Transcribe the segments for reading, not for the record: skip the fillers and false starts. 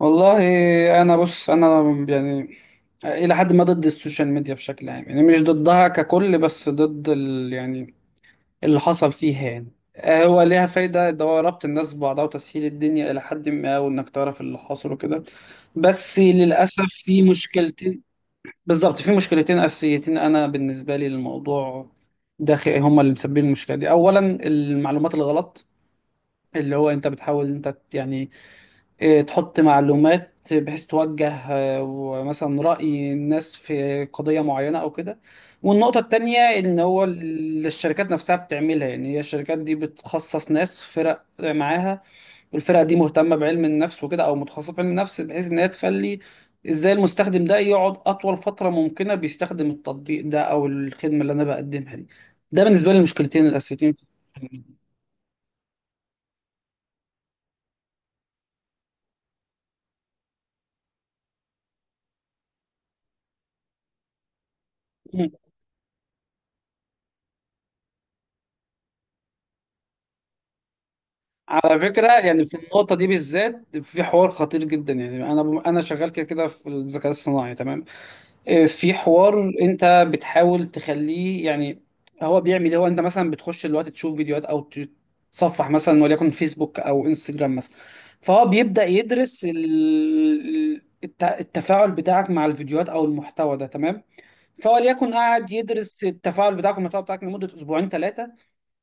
والله، انا بص، يعني الى حد ما ضد السوشيال ميديا بشكل عام. يعني مش ضدها ككل، بس ضد ال، يعني اللي حصل فيها يعني. هو ليها فايدة، ده هو ربط الناس ببعضها وتسهيل الدنيا إلى حد ما، وإنك تعرف اللي حصل وكده. بس للأسف في مشكلتين. بالظبط، في مشكلتين أساسيتين أنا بالنسبة لي للموضوع ده. هما اللي مسببين المشكلة دي. أولا، المعلومات الغلط، اللي هو أنت بتحاول يعني، تحط معلومات بحيث توجه، ومثلا رأي الناس في قضية معينة أو كده. والنقطة التانية إن هو الشركات نفسها بتعملها. يعني هي الشركات دي بتخصص ناس فرق معاها، والفرقة دي مهتمة بعلم النفس وكده، أو متخصصة في علم النفس، بحيث إن هي تخلي إزاي المستخدم ده يقعد أطول فترة ممكنة بيستخدم التطبيق ده أو الخدمة اللي أنا بقدمها دي. ده بالنسبة لي المشكلتين الأساسيتين. في، على فكرة يعني في النقطة دي بالذات في حوار خطير جدا. يعني أنا شغال كده كده في الذكاء الصناعي، تمام؟ في حوار أنت بتحاول تخليه يعني هو بيعمل إيه؟ هو أنت مثلا بتخش دلوقتي تشوف فيديوهات، أو تصفح مثلا وليكن فيسبوك أو انستجرام مثلا، فهو بيبدأ يدرس التفاعل بتاعك مع الفيديوهات أو المحتوى ده، تمام؟ فهو ليكن قاعد يدرس التفاعل بتاعك والمحتوى بتاعك لمدة أسبوعين ثلاثة.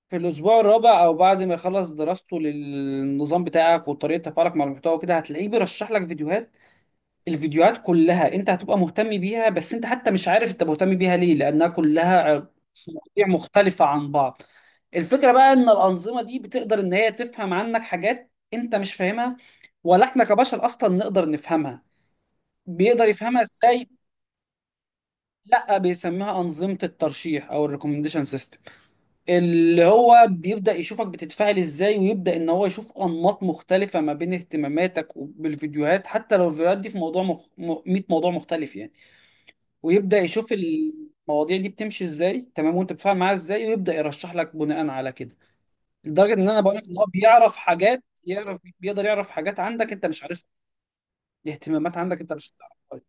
في الأسبوع الرابع أو بعد ما يخلص دراسته للنظام بتاعك وطريقة تفاعلك مع المحتوى كده، هتلاقيه بيرشح لك فيديوهات. الفيديوهات كلها أنت هتبقى مهتم بيها، بس أنت حتى مش عارف أنت مهتم بيها ليه، لأنها كلها مواضيع مختلفة عن بعض. الفكرة بقى إن الأنظمة دي بتقدر إن هي تفهم عنك حاجات أنت مش فاهمها، ولا إحنا كبشر أصلا نقدر نفهمها. بيقدر يفهمها إزاي؟ لأ، بيسميها أنظمة الترشيح أو الريكومنديشن سيستم. اللي هو بيبدأ يشوفك بتتفاعل ازاي، ويبدأ ان هو يشوف انماط مختلفة ما بين اهتماماتك وبالفيديوهات، حتى لو الفيديوهات دي في 100 موضوع مختلف يعني. ويبدأ يشوف المواضيع دي بتمشي ازاي، تمام، وانت بتتفاعل معاها ازاي، ويبدأ يرشح لك بناء على كده. لدرجة ان انا بقول لك ان هو بيعرف حاجات، بيقدر يعرف حاجات عندك انت مش عارفها، اهتمامات عندك انت مش هتعرفها.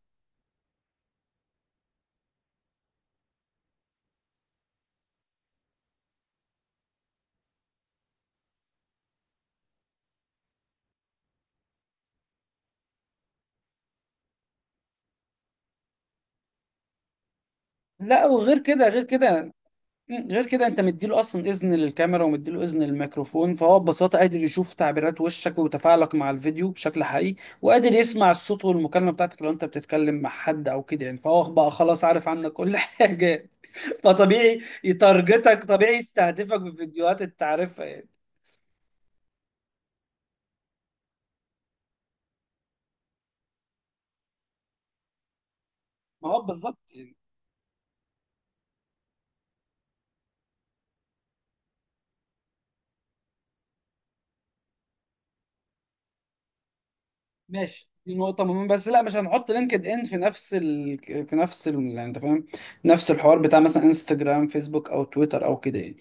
لا، وغير كده، غير كده، غير كده انت مديله اصلا اذن للكاميرا ومديله اذن للميكروفون، فهو ببساطه قادر يشوف تعبيرات وشك وتفاعلك مع الفيديو بشكل حقيقي، وقادر يسمع الصوت والمكالمه بتاعتك لو انت بتتكلم مع حد او كده يعني. فهو بقى خلاص عارف عنك كل حاجه. فطبيعي يتارجتك، طبيعي يستهدفك بفيديوهات انت عارفها يعني. ما هو بالظبط يعني. ماشي، دي نقطة مهمة، بس لا، مش هنحط لينكد ان في نفس يعني انت فاهم، نفس الحوار بتاع مثلا انستجرام، فيسبوك، او تويتر او كده يعني.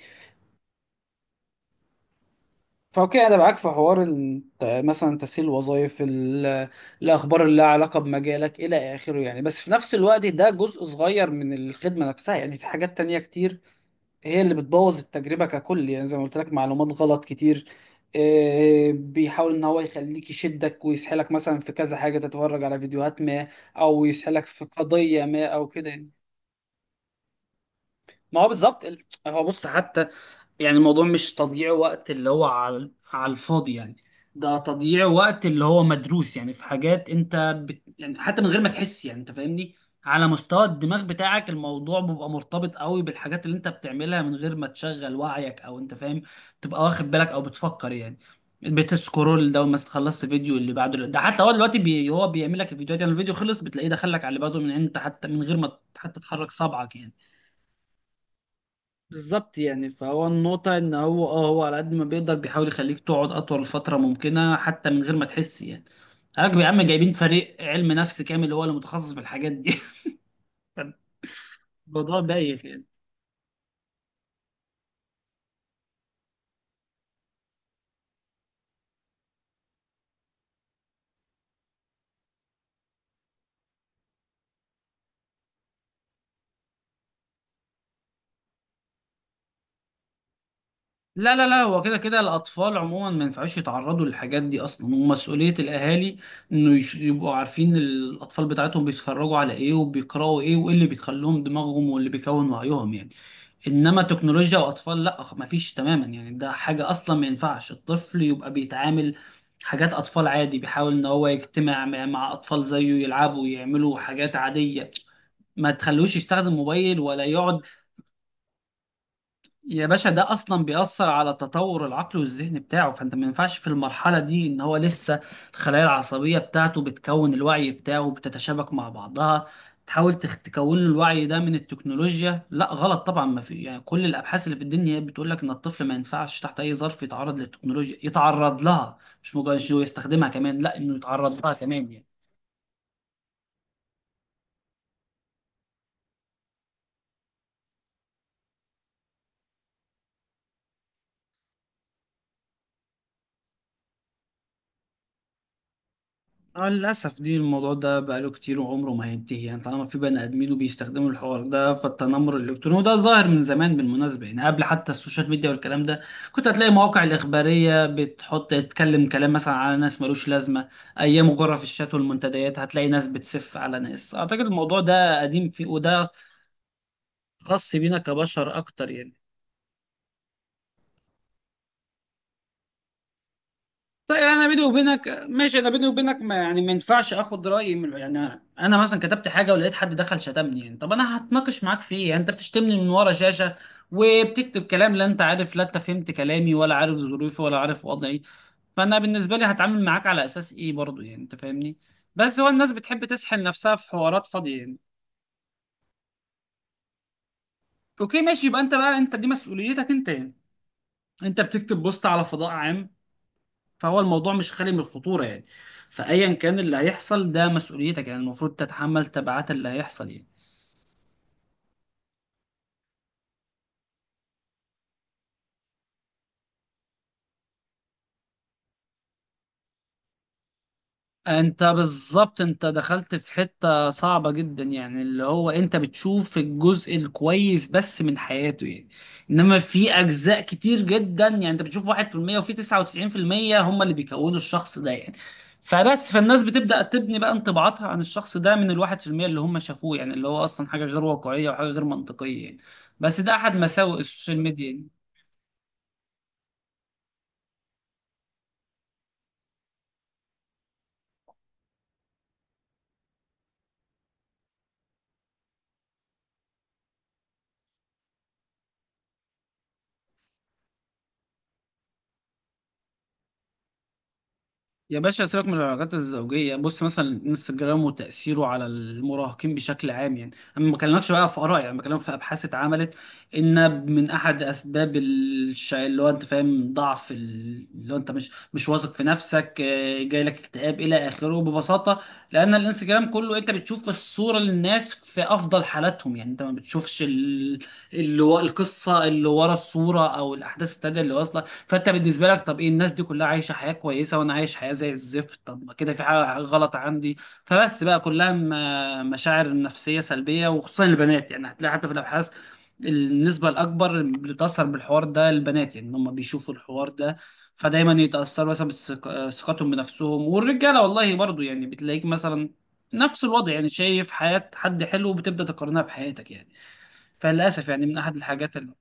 فأوكي، أنا معاك في حوار مثلا تسهيل وظائف الأخبار اللي لها علاقة بمجالك إلى آخره يعني، بس في نفس الوقت ده جزء صغير من الخدمة نفسها. يعني في حاجات تانية كتير هي اللي بتبوظ التجربة ككل يعني، زي ما قلت لك معلومات غلط كتير. بيحاول إن هو يخليك يشدك ويسحلك مثلا في كذا حاجة، تتفرج على فيديوهات ما، أو يسحلك في قضية ما أو كده يعني. ما هو بالظبط هو بص، حتى يعني الموضوع مش تضييع وقت اللي هو على على الفاضي يعني، ده تضييع وقت اللي هو مدروس. يعني في حاجات انت يعني حتى من غير ما تحس، يعني انت فاهمني، على مستوى الدماغ بتاعك الموضوع بيبقى مرتبط قوي بالحاجات اللي انت بتعملها من غير ما تشغل وعيك، او انت فاهم، تبقى واخد بالك او بتفكر يعني. بتسكرول ده مثلا، خلصت فيديو اللي بعده ده، حتى هو دلوقتي هو بيعمل لك الفيديوهات. يعني الفيديو خلص، بتلاقيه دخل لك على اللي بعده، من انت حتى من غير ما حتى تحرك صبعك يعني. بالظبط يعني. فهو النقطة إن هو أه، هو على قد ما بيقدر بيحاول يخليك تقعد أطول فترة ممكنة حتى من غير ما تحس يعني. حضرتك يا عم جايبين فريق علم نفس كامل هو اللي متخصص في الحاجات دي الموضوع بايخ يعني. لا، هو كده كده الأطفال عموما ما ينفعوش يتعرضوا للحاجات دي أصلا. ومسؤولية الأهالي يبقوا عارفين الأطفال بتاعتهم بيتفرجوا على إيه، وبيقرأوا إيه، وإيه اللي بيخليهم دماغهم واللي بيكون وعيهم يعني. انما تكنولوجيا واطفال، لا، ما فيش تماما يعني. ده حاجه اصلا ما ينفعش الطفل يبقى بيتعامل. حاجات اطفال عادي، بيحاول ان هو يجتمع مع اطفال زيه، يلعبوا، يعملوا حاجات عاديه. ما تخلوش يستخدم موبايل ولا يقعد. يا باشا، ده اصلا بيأثر على تطور العقل والذهن بتاعه. فانت ما ينفعش في المرحله دي ان هو لسه الخلايا العصبيه بتاعته بتكون، الوعي بتاعه بتتشابك مع بعضها، تحاول تكون له الوعي ده من التكنولوجيا. لا، غلط طبعا، ما في يعني. كل الابحاث اللي في الدنيا هي بتقول لك ان الطفل ما ينفعش تحت اي ظرف يتعرض للتكنولوجيا، يتعرض لها مش مجرد إنه يستخدمها كمان، لا، انه يتعرض لها كمان يعني. اه، للأسف دي، الموضوع ده بقاله كتير وعمره ما هينتهي يعني. طالما في بني آدمين وبيستخدموا الحوار ده، فالتنمر الإلكتروني، وده ظاهر من زمان بالمناسبة يعني، قبل حتى السوشيال ميديا والكلام ده كنت هتلاقي مواقع الإخبارية بتحط تتكلم كلام مثلا على ناس ملوش لازمة. أيام غرف الشات والمنتديات هتلاقي ناس بتسف على ناس. أعتقد الموضوع ده قديم فيه، وده خاص بينا كبشر أكتر يعني. طيب انا بيني وبينك ماشي، انا بيني وبينك ما يعني ما ينفعش اخد رايي من يعني. انا مثلا كتبت حاجه ولقيت حد دخل شتمني يعني، طب انا هتناقش معاك في ايه؟ يعني انت بتشتمني من ورا شاشه، وبتكتب كلام، لا انت عارف، لا انت فهمت كلامي، ولا عارف ظروفي، ولا عارف وضعي. فانا بالنسبه لي هتعامل معاك على اساس ايه برضو يعني؟ انت فاهمني. بس هو الناس بتحب تسحل نفسها في حوارات فاضيه يعني. اوكي، ماشي، يبقى انت بقى انت، دي مسؤوليتك انت يعني. انت بتكتب بوست على فضاء عام، فهو الموضوع مش خالي من الخطورة يعني. فأيا كان اللي هيحصل ده مسؤوليتك يعني، المفروض تتحمل تبعات اللي هيحصل يعني. انت بالظبط، انت دخلت في حتة صعبة جدا يعني، اللي هو انت بتشوف الجزء الكويس بس من حياته يعني. انما في اجزاء كتير جدا يعني، انت بتشوف 1%، وفي 99% هم اللي بيكونوا الشخص ده يعني. فبس، فالناس بتبدأ تبني بقى انطباعاتها عن الشخص ده من الواحد في المية اللي هم شافوه يعني، اللي هو اصلا حاجة غير واقعية وحاجة غير منطقية يعني. بس ده احد مساوئ السوشيال ميديا يعني. يا باشا، سيبك من العلاقات الزوجية، بص مثلا انستجرام وتأثيره على المراهقين بشكل عام يعني. انا ما بكلمكش بقى في آراء يعني، بكلمك في أبحاث اتعملت، ان من احد اسباب الشيء اللي هو انت فاهم، ضعف اللي هو انت مش واثق في نفسك، جاي لك اكتئاب الى اخره ببساطة، لان الانستجرام كله انت بتشوف الصورة للناس في افضل حالاتهم يعني. انت ما اللي هو القصة اللي ورا الصورة او الاحداث التانية اللي واصلة. فانت بالنسبه لك، طب ايه، الناس دي كلها عايشه حياه كويسه، وانا عايش حياه زي الزفت، طب ما كده في حاجه غلط عندي. فبس بقى كلها مشاعر نفسيه سلبيه، وخصوصا البنات يعني. هتلاقي حتى في الابحاث النسبه الاكبر اللي بتاثر بالحوار ده البنات يعني، إن هم بيشوفوا الحوار ده، فدايما يتاثروا مثلا ثقتهم بنفسهم. والرجاله والله برضو يعني، بتلاقيك مثلا نفس الوضع يعني، شايف حياه حد حلو وبتبدا تقارنها بحياتك يعني. فللاسف يعني، من احد الحاجات اللي،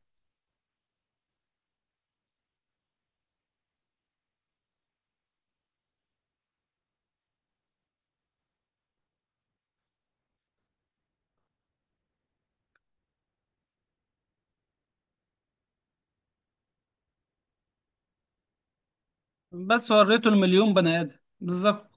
بس وريته المليون بني ادم بالظبط.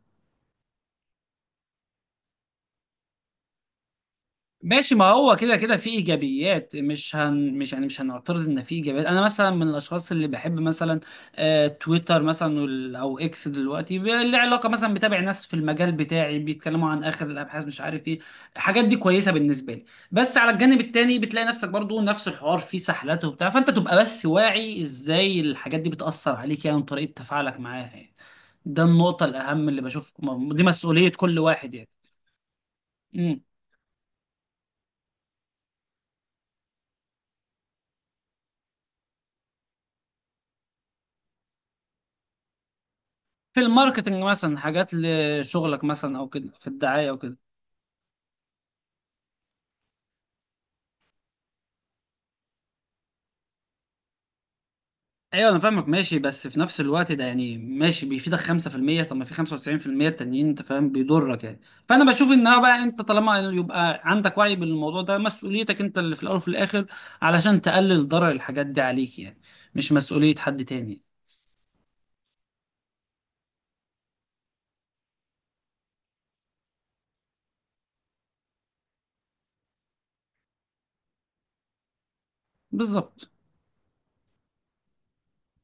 ماشي، ما هو كده كده في ايجابيات، مش هن مش يعني مش هنعترض ان في ايجابيات. انا مثلا من الاشخاص اللي بحب مثلا آه تويتر مثلا او اكس دلوقتي، اللي علاقه مثلا بتابع ناس في المجال بتاعي بيتكلموا عن اخر الابحاث، مش عارف ايه، الحاجات دي كويسه بالنسبه لي. بس على الجانب التاني بتلاقي نفسك برضو نفس الحوار فيه سحلاته وبتاع، فانت تبقى بس واعي ازاي الحاجات دي بتاثر عليك يعني، وطريقه تفاعلك معاها يعني. ده النقطه الاهم اللي بشوف، دي مسؤوليه كل واحد يعني. في الماركتنج مثلا، حاجات لشغلك مثلا او كده، في الدعايه او كده. ايوه انا فاهمك، ماشي، بس في نفس الوقت ده يعني، ماشي بيفيدك 5%، طب ما في 95% التانيين انت فاهم بيضرك يعني. فانا بشوف انها بقى انت طالما يبقى عندك وعي بالموضوع ده، مسؤوليتك انت اللي في الاول وفي الاخر علشان تقلل ضرر الحاجات دي عليك يعني، مش مسؤوليه حد تاني. بالظبط.